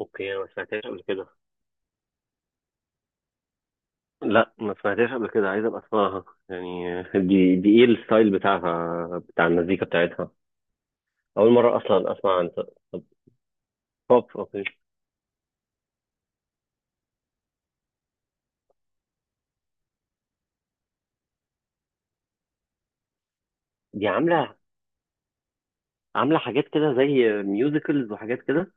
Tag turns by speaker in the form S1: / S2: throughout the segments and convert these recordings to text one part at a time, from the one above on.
S1: اوكي، انا ما سمعتهاش قبل كده. لا، ما سمعتهاش قبل كده. عايز ابقى اسمعها يعني. دي ايه الستايل بتاعها، بتاع المزيكا بتاعتها؟ اول مره اصلا اسمع عن بوب. اوكي. دي عامله حاجات كده زي ميوزيكلز وحاجات كده.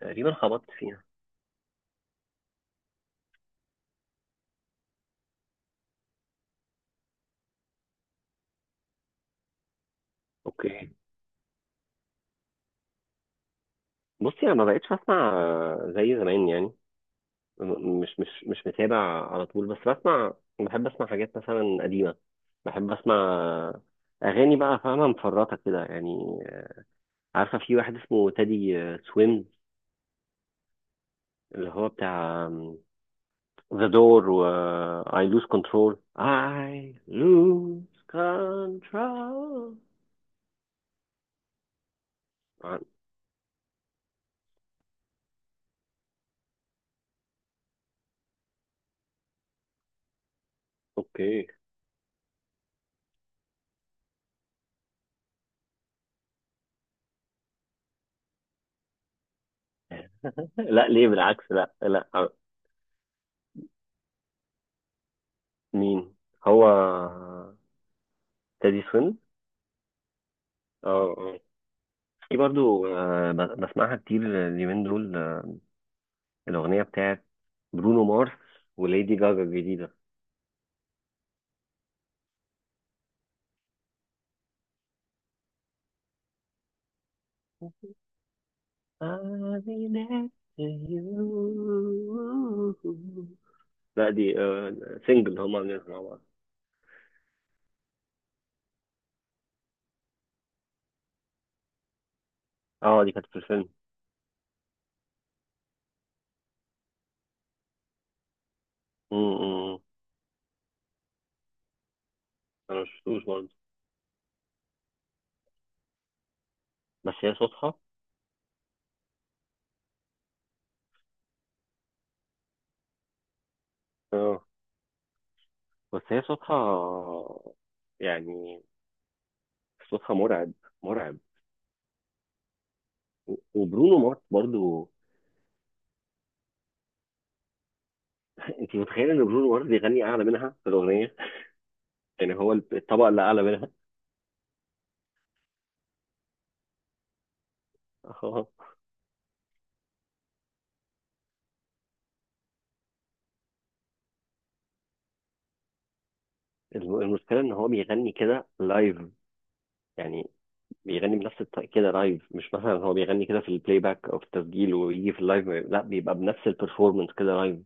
S1: تقريبا خبطت فيها. اوكي، بصي، انا ما بقتش اسمع زي زمان يعني. مش متابع على طول. بس بسمع. بحب اسمع حاجات مثلا قديمه. بحب اسمع اغاني، بقى فاهمه، مفرطه كده يعني. عارفة في واحد اسمه تادي سويم؟ اللي هو بتاع ذا دور و I lose control. I lose control. آه، اوكي. لا، ليه؟ بالعكس، لا لا. آه، مين هو؟ تادي سويم؟ اه. آه. في برضو بسمعها كتير اليومين دول. الأغنية بتاعت برونو مارس وليدي جاجا الجديدة. I'll be next to you. لا، دي سنجل، هما عاملينها مع بعض. اه، دي كانت في الفيلم. م- م- م. انا مشفتوش برضه، بس هي صوتها. اه، بس هي صوتها يعني. صوتها مرعب، مرعب. وبرونو مارس برضه. انت متخيل ان برونو مارس بيغني اعلى منها في الاغنيه؟ يعني هو الطبقه اللي اعلى منها؟ اه. المشكله ان هو بيغني كده لايف، يعني بيغني بنفس الطريقه كده لايف. مش مثلا هو بيغني كده في البلاي باك او في التسجيل ويجي في اللايف، لا، بيبقى بنفس البرفورمانس كده لايف.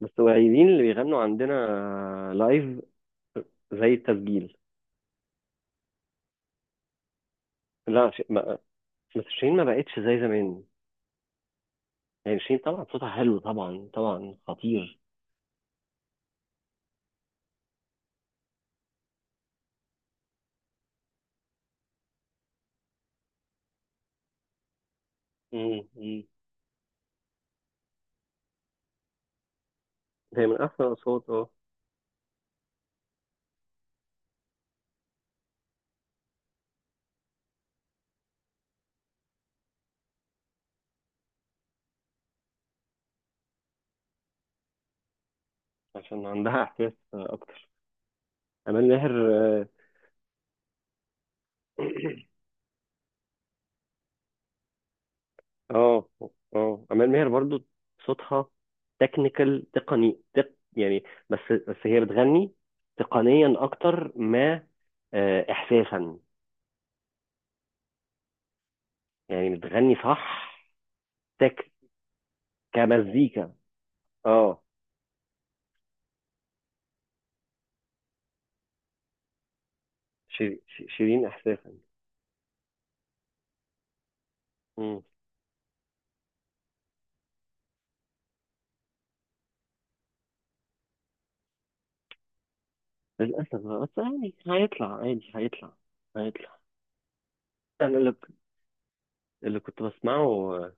S1: بس قليلين اللي بيغنوا عندنا لايف زي التسجيل. لا، ش... ما... بس شيرين ما بقتش زي زمان. يعني شيرين طبعا صوتها حلو، طبعا طبعا خطير. مم، مم. هي من احسن الاصوات، اه. عشان عندها احساس اكتر. امال ماهر، اه. اه. آه. امال ماهر برضو صوتها تكنيكال، تقني، يعني. بس بس هي بتغني تقنيا اكتر ما احساسا. يعني بتغني صح. تك كمزيكا، اه. شيرين احساسا. مم. للاسف بقى، بس يعني هيطلع عادي، هيطلع. انا اللي كنت بسمعه،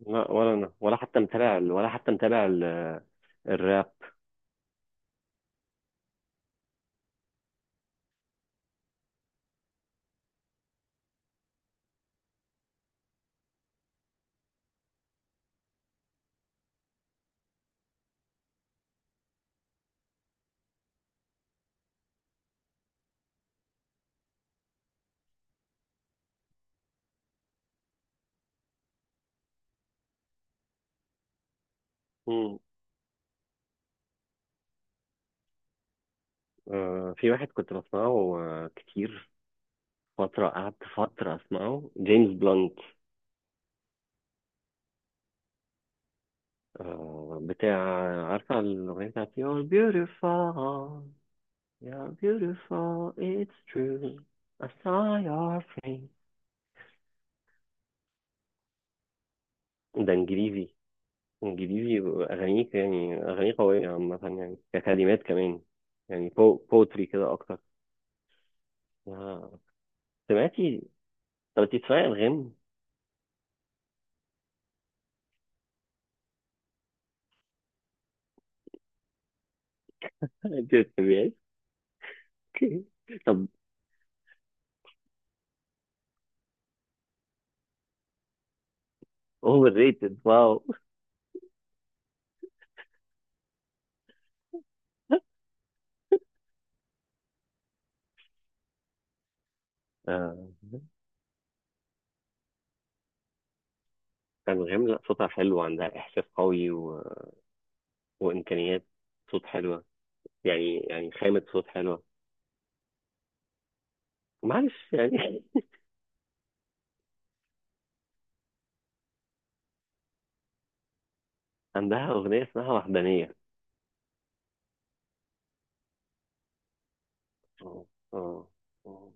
S1: لا، ولا انا ولا حتى متابع الراب. مم. آه، في واحد كنت بسمعه كتير. فترة، قعدت فترة اسمعه جيمس بلانت. آه، بتاع، عارفة الأغنية بتاعت You're beautiful؟ You're beautiful. It's true. I saw your face. ده انجليزي، انجليزي. اغانيه، يعني اغانيه قويه عامه، يعني ككلمات كمان. يعني بوتري كده اكتر. آه. سمعتي؟ طب انت بتسمعي الغام؟ انت ما بتسمعيهاش؟ طب. اوفر ريتد، واو. آه. انغام، لا، صوتها حلو، عندها احساس قوي و... وامكانيات. صوت حلوه، يعني خامه صوت حلوه. معلش يعني. عندها اغنيه اسمها وحدانيه. اه، اه. آه.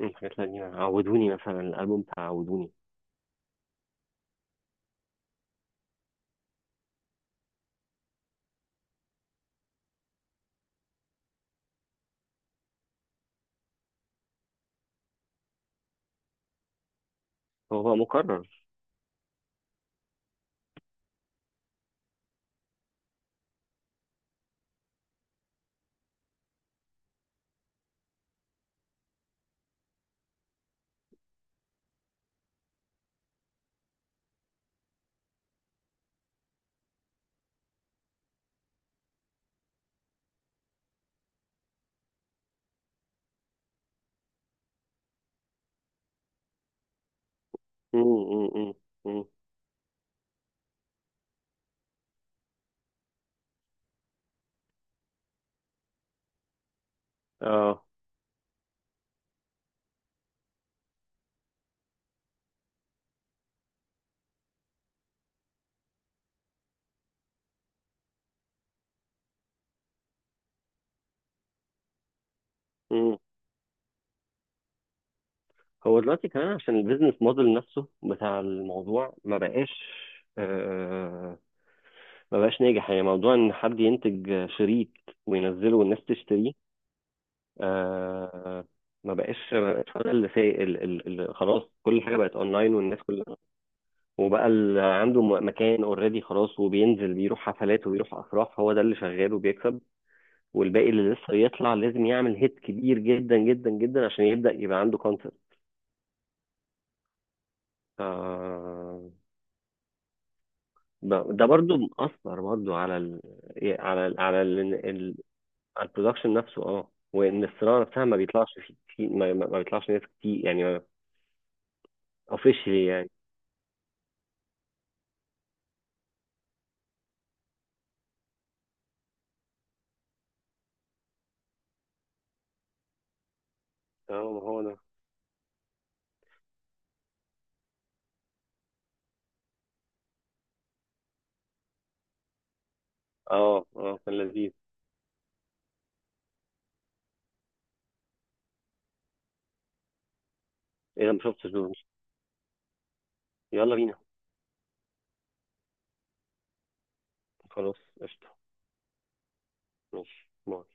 S1: مم، حاجات قديمة، عودوني مثلا، الألبوم بتاع عودوني. هو بقى مكرر. مم، مم، مم، مم. اه. مم. هو دلوقتي كمان عشان البيزنس موديل نفسه بتاع الموضوع ما بقاش. آه، ما بقاش ناجح، يعني موضوع ان حد ينتج شريط وينزله والناس تشتريه. آه، ما بقاش هو ده اللي سايق خلاص. كل حاجه بقت اونلاين والناس كلها. وبقى اللي عنده مكان اوريدي خلاص، وبينزل، بيروح حفلات وبيروح افراح. هو ده اللي شغال وبيكسب. والباقي اللي لسه يطلع لازم يعمل هيت كبير جدا جدا جدا عشان يبدأ يبقى عنده كونسبت. ده برضو مأثر برضو، على على ال على ال ال- على البرودكشن نفسه. اه، وان الصناعه نفسها ما بيطلعش ما بيطلعش ناس كتير يعني. اوفيشلي يعني. اه، ما هو ده. اه، اه، كان لذيذ. اذا ما شفتش دول. يلا بينا. خلاص، قشطه. ماشي، باي.